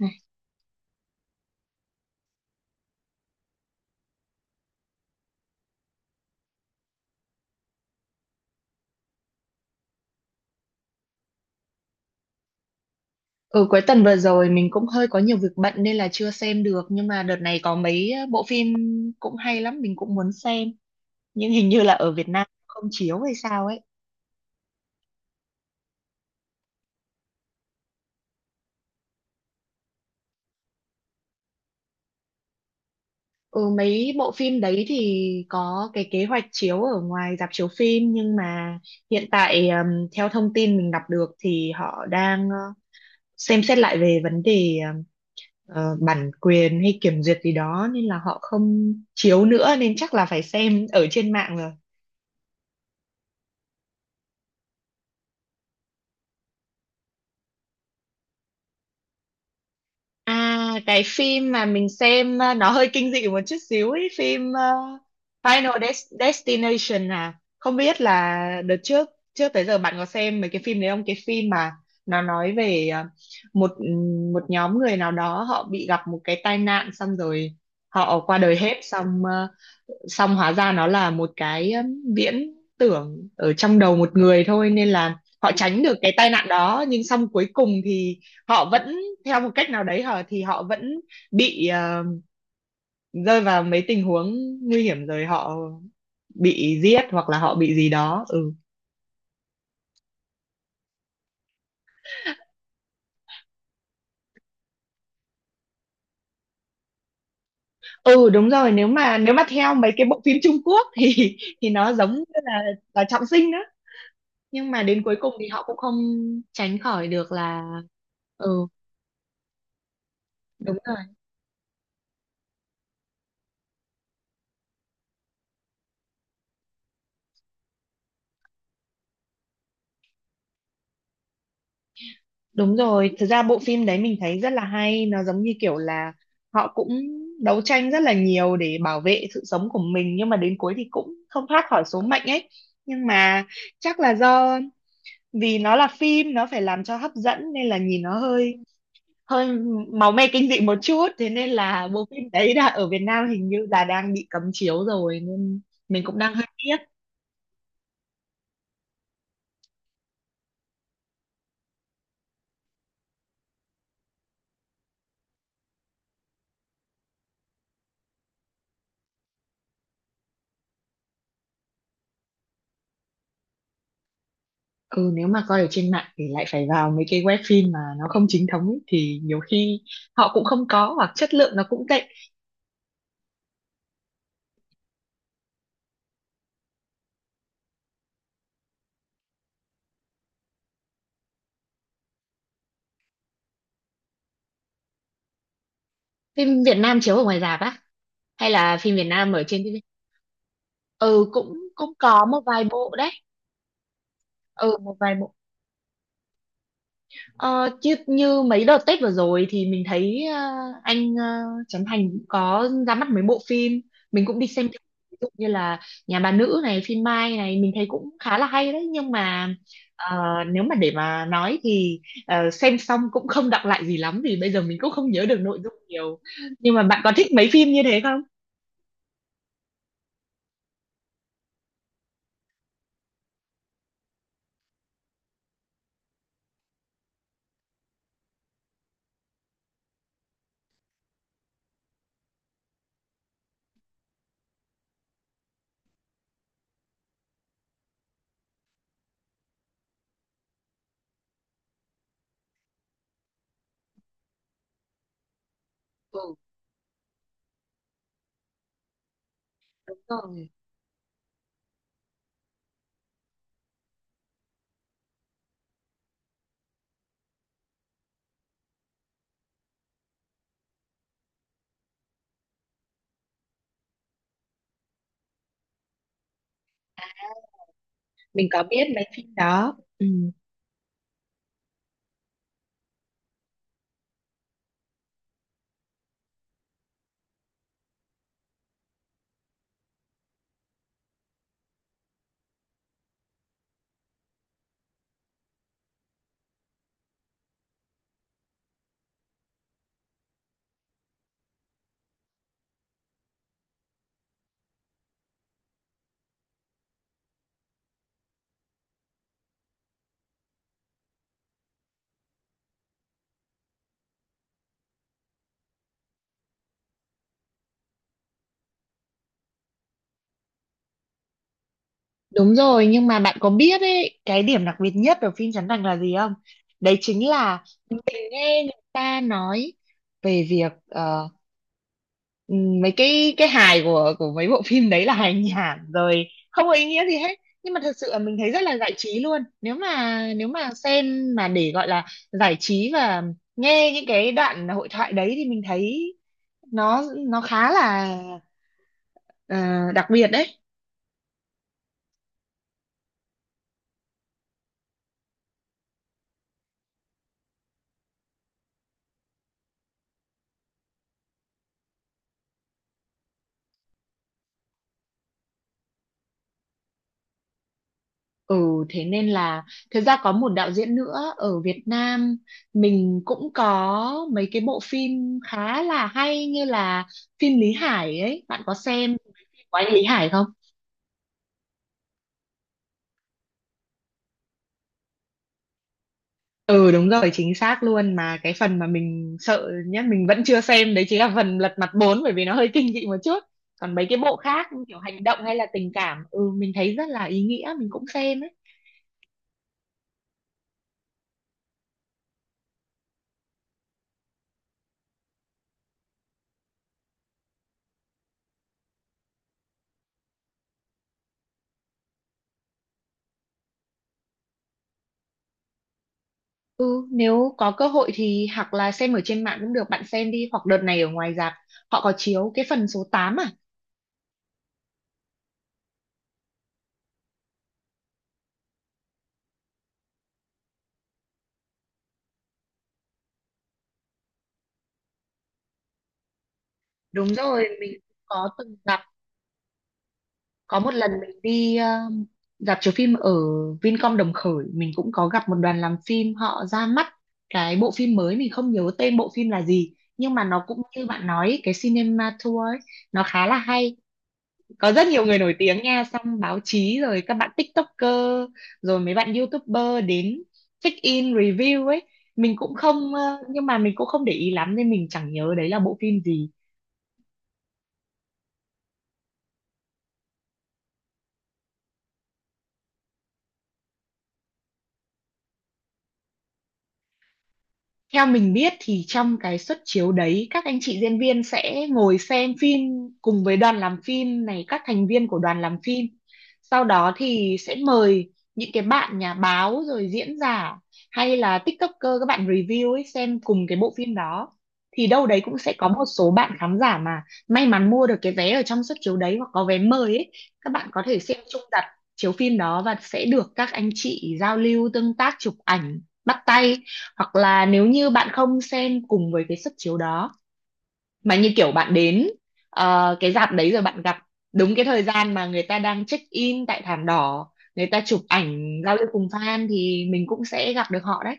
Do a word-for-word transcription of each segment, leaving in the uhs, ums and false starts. Này. Ừ, cuối tuần vừa rồi mình cũng hơi có nhiều việc bận nên là chưa xem được, nhưng mà đợt này có mấy bộ phim cũng hay lắm, mình cũng muốn xem, nhưng hình như là ở Việt Nam không chiếu hay sao ấy. Ừ, mấy bộ phim đấy thì có cái kế hoạch chiếu ở ngoài rạp chiếu phim, nhưng mà hiện tại ừm, theo thông tin mình đọc được thì họ đang ờ, xem xét lại về vấn đề ừm, ờ, bản quyền hay kiểm duyệt gì đó nên là họ không chiếu nữa, nên chắc là phải xem ở trên mạng rồi. À, cái phim mà mình xem ờ, nó hơi kinh dị một chút xíu ấy, phim ờ, Final Des- Destination à. Không biết là đợt trước, trước tới giờ bạn có xem mấy cái phim đấy không? Cái phim mà nó nói về ờ, một một nhóm người nào đó họ bị gặp một cái tai nạn, xong rồi họ qua đời hết, xong ờ, xong hóa ra nó là một cái ờ, viễn tưởng ở trong đầu một người thôi, nên là họ tránh được cái tai nạn đó, nhưng xong cuối cùng thì họ vẫn, theo một cách nào đấy hả, thì họ vẫn bị ờ, rơi vào mấy tình huống nguy hiểm, rồi họ bị giết hoặc là họ bị gì đó. Ừ, ừ, đúng rồi, nếu mà nếu mà theo mấy cái bộ phim Trung Quốc thì thì nó giống như là là trọng sinh đó, nhưng mà đến cuối cùng thì họ cũng không tránh khỏi được là. Ừ, đúng rồi. Đúng rồi, thực ra bộ phim đấy mình thấy rất là hay, nó giống như kiểu là họ cũng đấu tranh rất là nhiều để bảo vệ sự sống của mình, nhưng mà đến cuối thì cũng không thoát khỏi số mệnh ấy. Nhưng mà chắc là do vì nó là phim, nó phải làm cho hấp dẫn, nên là nhìn nó hơi hơi máu me kinh dị một chút, thế nên là bộ phim đấy là ở Việt Nam hình như là đang bị cấm chiếu rồi, nên mình cũng đang hơi tiếc. Ừ, nếu mà coi ở trên mạng thì lại phải vào mấy cái web phim mà nó không chính thống ấy, thì nhiều khi họ cũng không có hoặc chất lượng nó cũng tệ. Phim Việt Nam chiếu ở ngoài rạp á, hay là phim Việt Nam ở trên ti vi? Ừ, cũng cũng có một vài bộ đấy, ừ một vài bộ. Ờ, chứ như mấy đợt Tết vừa rồi thì mình thấy ờ, anh ờ, Trấn Thành cũng có ra mắt mấy bộ phim, mình cũng đi xem thử. Ví dụ như là Nhà bà nữ này, phim Mai này, mình thấy cũng khá là hay đấy, nhưng mà ờ, nếu mà để mà nói thì ờ, xem xong cũng không đọng lại gì lắm, vì bây giờ mình cũng không nhớ được nội dung nhiều. Nhưng mà bạn có thích mấy phim như thế không? Ừ, đúng rồi. Mình có biết mấy phim đó. Ừ, đúng rồi, nhưng mà bạn có biết ấy, cái điểm đặc biệt nhất ở phim Trấn Thành là gì không? Đấy chính là, nghe người ta nói về việc ờ, mấy cái cái hài của của mấy bộ phim đấy là hài nhảm rồi, không có ý nghĩa gì hết, nhưng mà thật sự là mình thấy rất là giải trí luôn, nếu mà nếu mà xem mà để gọi là giải trí và nghe những cái đoạn hội thoại đấy thì mình thấy nó nó khá là ờ, đặc biệt đấy. Ừ thế nên là, thực ra có một đạo diễn nữa ở Việt Nam mình cũng có mấy cái bộ phim khá là hay, như là phim Lý Hải ấy, bạn có xem của anh Lý Hải không? Ừ, đúng rồi, chính xác luôn, mà cái phần mà mình sợ nhất mình vẫn chưa xem đấy chính là phần Lật Mặt bốn, bởi vì nó hơi kinh dị một chút, còn mấy cái bộ khác kiểu hành động hay là tình cảm, ừ mình thấy rất là ý nghĩa, mình cũng xem ấy. Ừ, nếu có cơ hội thì hoặc là xem ở trên mạng cũng được, bạn xem đi, hoặc đợt này ở ngoài rạp họ có chiếu cái phần số tám à? Đúng rồi, mình cũng có từng gặp, có một lần mình đi um, rạp chiếu phim ở Vincom Đồng Khởi, mình cũng có gặp một đoàn làm phim họ ra mắt cái bộ phim mới, mình không nhớ tên bộ phim là gì, nhưng mà nó cũng như bạn nói ấy, cái cinema tour ấy, nó khá là hay. Có rất nhiều người nổi tiếng nha, xong báo chí rồi các bạn TikToker rồi mấy bạn YouTuber đến check in review ấy, mình cũng không ờ, nhưng mà mình cũng không để ý lắm nên mình chẳng nhớ đấy là bộ phim gì. Theo mình biết thì trong cái suất chiếu đấy, các anh chị diễn viên sẽ ngồi xem phim cùng với đoàn làm phim này, các thành viên của đoàn làm phim. Sau đó thì sẽ mời những cái bạn nhà báo rồi diễn giả hay là TikToker, các bạn review ấy, xem cùng cái bộ phim đó. Thì đâu đấy cũng sẽ có một số bạn khán giả mà may mắn mua được cái vé ở trong suất chiếu đấy, hoặc có vé mời ấy, các bạn có thể xem chung đặt chiếu phim đó và sẽ được các anh chị giao lưu, tương tác, chụp ảnh, bắt tay. Hoặc là nếu như bạn không xem cùng với cái suất chiếu đó, mà như kiểu bạn đến ờ, cái rạp đấy rồi bạn gặp đúng cái thời gian mà người ta đang check in tại thảm đỏ, người ta chụp ảnh giao lưu cùng fan, thì mình cũng sẽ gặp được họ đấy.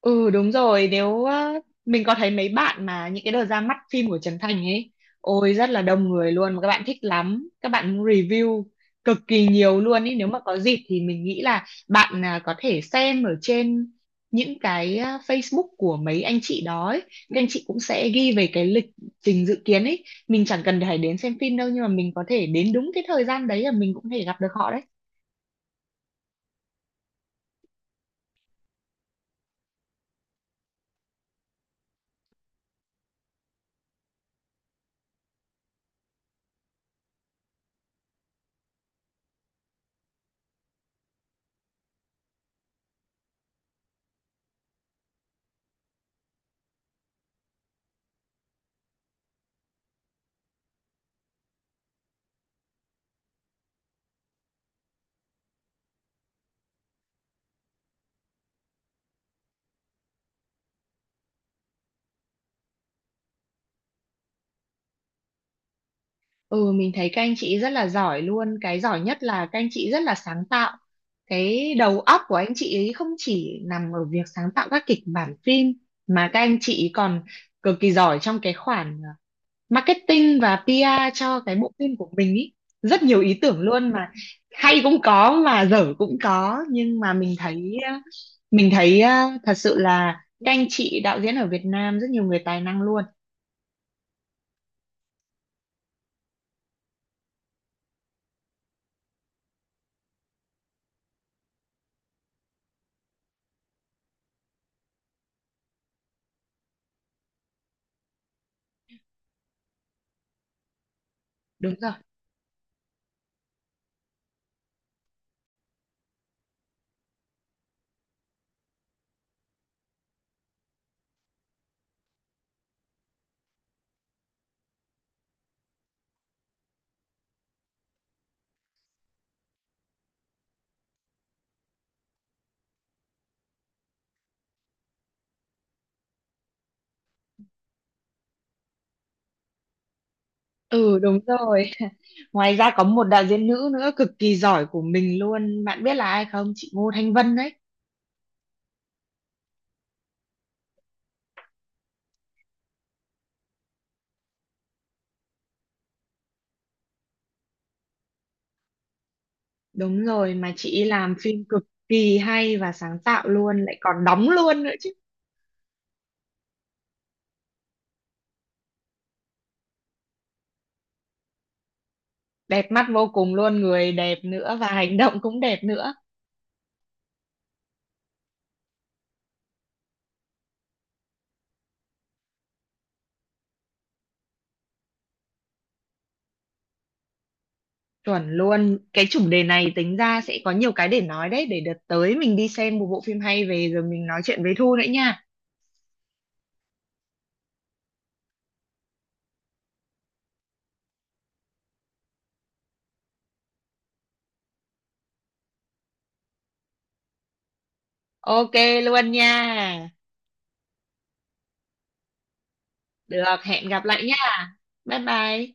Ừ đúng rồi, nếu á, mình có thấy mấy bạn mà những cái đợt ra mắt phim của Trấn Thành ấy, ôi rất là đông người luôn, mà các bạn thích lắm, các bạn review cực kỳ nhiều luôn ấy, nếu mà có dịp thì mình nghĩ là bạn à, có thể xem ở trên những cái à, Facebook của mấy anh chị đó ấy. Các anh chị cũng sẽ ghi về cái lịch trình dự kiến ấy, mình chẳng cần phải đến xem phim đâu, nhưng mà mình có thể đến đúng cái thời gian đấy là mình cũng có thể gặp được họ đấy. Ừ, mình thấy các anh chị rất là giỏi luôn. Cái giỏi nhất là các anh chị rất là sáng tạo. Cái đầu óc của anh chị ấy không chỉ nằm ở việc sáng tạo các kịch bản phim, mà các anh chị còn cực kỳ giỏi trong cái khoản ờ, marketing và pi a cho cái bộ phim của mình ý. Rất nhiều ý tưởng luôn mà, hay cũng có mà dở cũng có. Nhưng mà mình thấy ờ, mình thấy ờ, thật sự là các anh chị đạo diễn ở Việt Nam rất nhiều người tài năng luôn. Đúng rồi. Ừ đúng rồi. Ngoài ra có một đạo diễn nữ nữa cực kỳ giỏi của mình luôn. Bạn biết là ai không? Chị Ngô Thanh Vân đấy. Đúng rồi, mà chị ấy làm phim cực kỳ hay và sáng tạo luôn, lại còn đóng luôn nữa chứ. Đẹp mắt vô cùng luôn, người đẹp nữa và hành động cũng đẹp nữa. Chuẩn luôn. Cái chủ đề này tính ra sẽ có nhiều cái để nói đấy, để đợt tới mình đi xem một bộ phim hay về rồi mình nói chuyện với Thu nữa nha. Ok luôn nha. Được, hẹn gặp lại nha. Bye bye.